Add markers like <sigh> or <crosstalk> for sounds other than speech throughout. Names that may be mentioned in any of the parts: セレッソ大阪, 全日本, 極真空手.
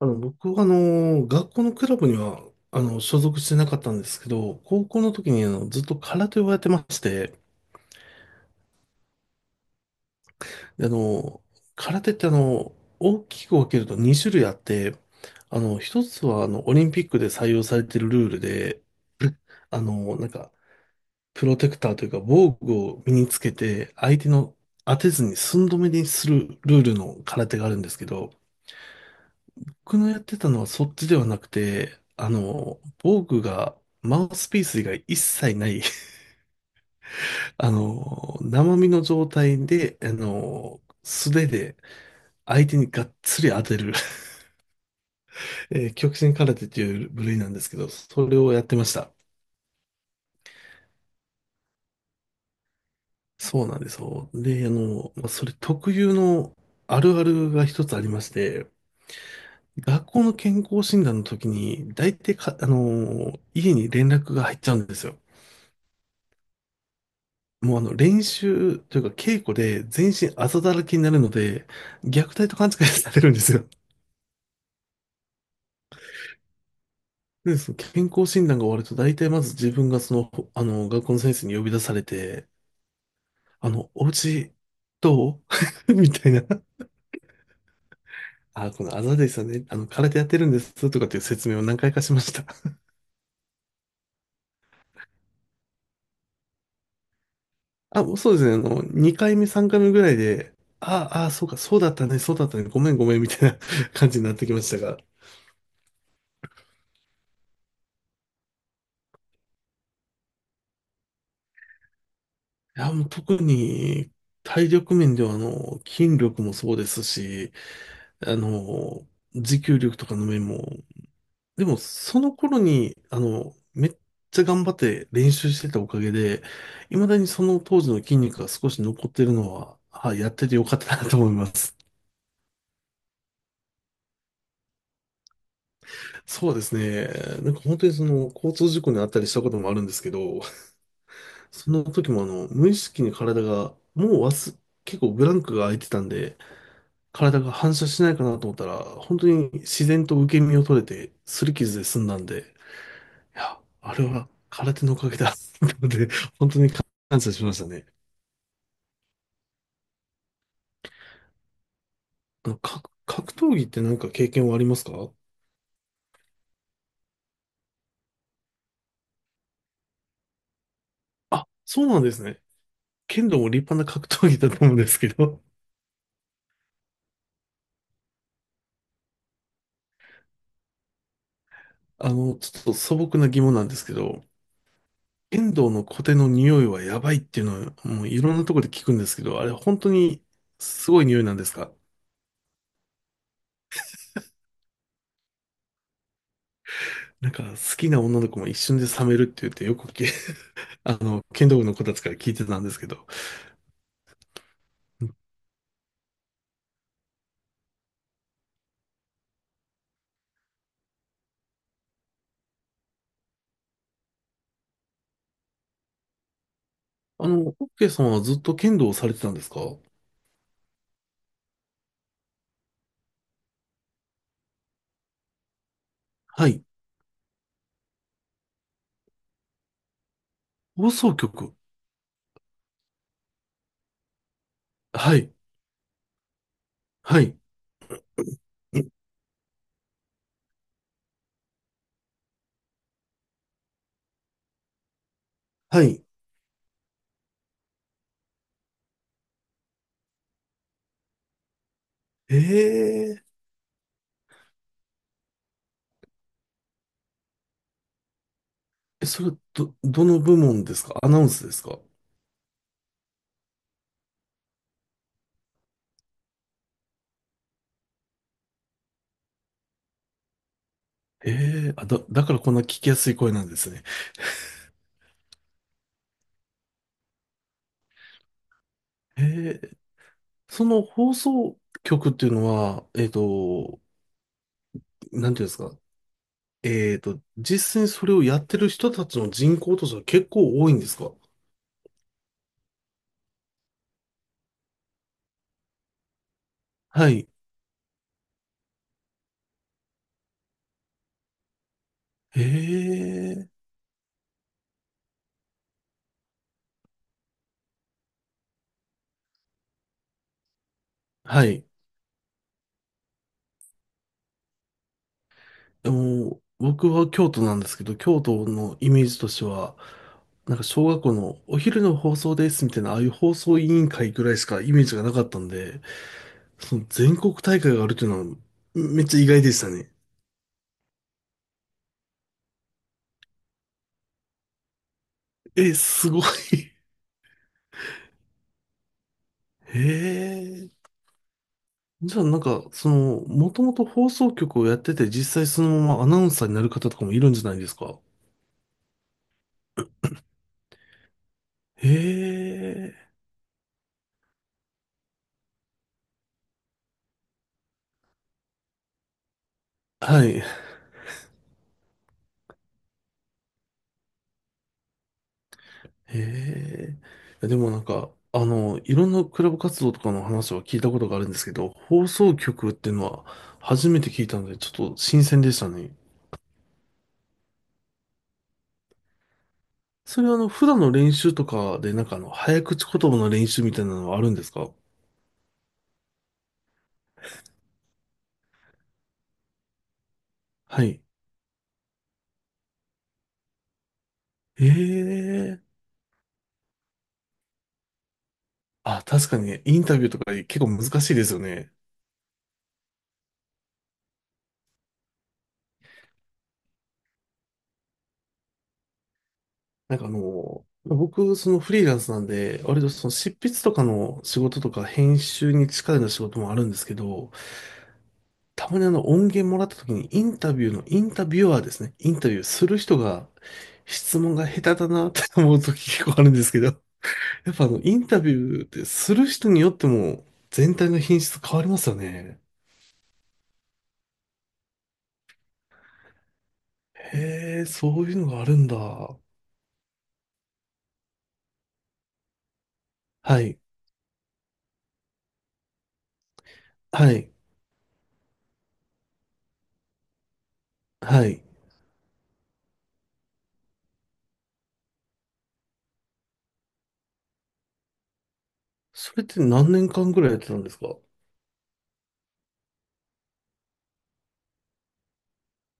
僕は、学校のクラブには、所属してなかったんですけど、高校の時に、ずっと空手をやってまして、で空手って、大きく分けると2種類あって、一つは、オリンピックで採用されているルールで、あの、なんか、プロテクターというか、防具を身につけて、相手の当てずに寸止めにするルールの空手があるんですけど、僕のやってたのはそっちではなくて、防具が、マウスピース以外一切ない <laughs> 生身の状態で、素手で相手にがっつり当てる <laughs> 極真空手という部類なんですけど、それをやってました。そうなんですよ。で、まあそれ特有のあるあるが一つありまして、学校の健康診断の時に、大体か、家に連絡が入っちゃうんですよ。もうあの練習というか稽古で全身あざだらけになるので、虐待と勘違いされるんですよ。<laughs> で、その健康診断が終わると大体まず自分がその、ほあの、学校の先生に呼び出されて、お家どう <laughs> みたいな。あ、このあざですよね。空手やってるんですとかっていう説明を何回かしました。あ、もうそうですね。2回目、3回目ぐらいで、ああ、そうか、そうだったね、そうだったね、ごめんごめんみたいな <laughs> 感じになってきましたが。いや、もう特に体力面では筋力もそうですし、あの、持久力とかの面も、でもその頃に、めっちゃ頑張って練習してたおかげで、未だにその当時の筋肉が少し残ってるのは、はい、やっててよかったなと思います。<laughs> そうですね。なんか本当にその交通事故にあったりしたこともあるんですけど、その時も無意識に体が、もう忘、結構ブランクが空いてたんで、体が反射しないかなと思ったら、本当に自然と受け身を取れて、擦り傷で済んだんで、いや、あれは空手のおかげだ。<laughs> なので、本当に感謝しましたね。格闘技ってなんか経験はありますか？あ、そうなんですね。剣道も立派な格闘技だと思うんですけど、<laughs> ちょっと素朴な疑問なんですけど、剣道の小手の匂いはやばいっていうのは、もういろんなところで聞くんですけど、あれ本当にすごい匂いなんですか？なんか好きな女の子も一瞬で冷めるって言ってよく聞剣道部の子たちから聞いてたんですけど。オッケーさんはずっと剣道をされてたんですか？はい。放送局。はい。はい。んはい。ええ。え、それ、どの部門ですか？アナウンスですか？ええ。あ、だからこんな聞きやすい声なんですね。ええ。その放送局っていうのは、なんていうんですか？実際にそれをやってる人たちの人口としては結構多いんですか？はい。ええ。はい。でも、僕は京都なんですけど、京都のイメージとしては、なんか小学校のお昼の放送ですみたいな、ああいう放送委員会ぐらいしかイメージがなかったんで、その全国大会があるっていうのはめっちゃ意外でしたね。え、すごい。<laughs> へえ。じゃあなんか、その、もともと放送局をやってて、実際そのままアナウンサーになる方とかもいるんじゃないですか。へえ。はい。へえ。いやでもなんか、いろんなクラブ活動とかの話は聞いたことがあるんですけど、放送局っていうのは初めて聞いたので、ちょっと新鮮でしたね。それは普段の練習とかで、なんか早口言葉の練習みたいなのはあるんですか？はい。ええ。あ、確かにね、インタビューとか結構難しいですよね。なんか僕、そのフリーランスなんで、割とその執筆とかの仕事とか編集に近いような仕事もあるんですけど、たまにあの音源もらった時にインタビューの、インタビュアーですね。インタビューする人が質問が下手だなって思う時結構あるんですけど、<laughs> やっぱあのインタビューってする人によっても全体の品質変わりますよね。へえ、そういうのがあるんだ。はい、はい、はい。それって何年間ぐらいやってたんですか？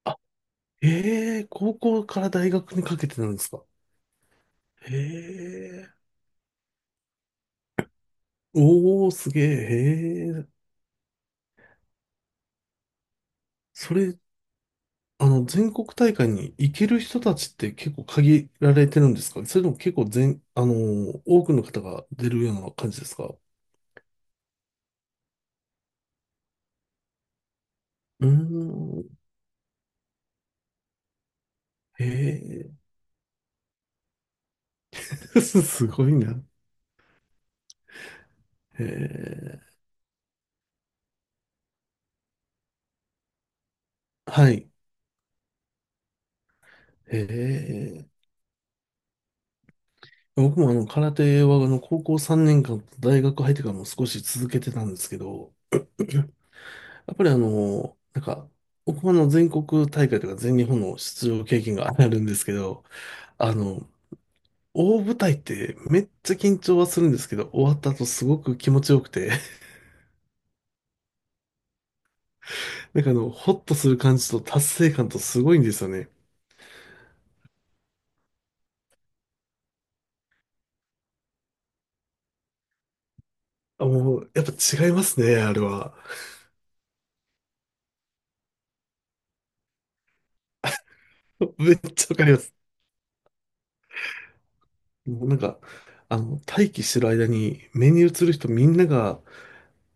あ、へえ、高校から大学にかけてなんですか？へえ、おー、すげえ、へえ。それ、全国大会に行ける人たちって結構限られてるんですか？それとも結構多くの方が出るような感じですか？うーん。へえ、<laughs> すごいな。へえ、はい。へえ。僕も空手は高校3年間と大学入ってからも少し続けてたんですけど、やっぱりなんか、僕もあの全国大会とか全日本の出場経験があるんですけど、あの、大舞台ってめっちゃ緊張はするんですけど、終わった後すごく気持ちよくて、<laughs> なんかホッとする感じと達成感とすごいんですよね。あ、もう、やっぱ違いますね、あれは。<laughs> めっちゃわかります。もうなんか、待機してる間に目に映る人みんなが、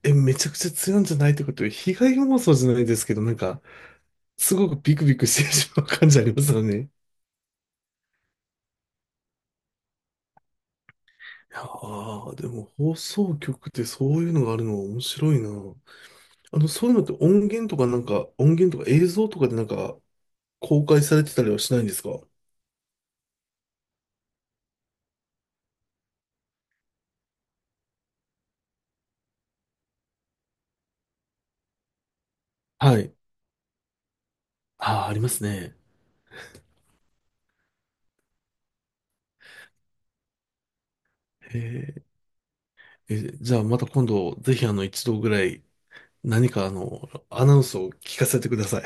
え、めちゃくちゃ強いんじゃないとかっていう被害妄想じゃないですけど、なんか、すごくビクビクしてしまう感じありますよね。いやー、でも放送局ってそういうのがあるの面白いな。そういうのって音源とかなんか、音源とか映像とかでなんか、公開されてたりはしないんですか？はい。ああ、ありますね。ええ、じゃあまた今度、ぜひ一度ぐらい、何かアナウンスを聞かせてください。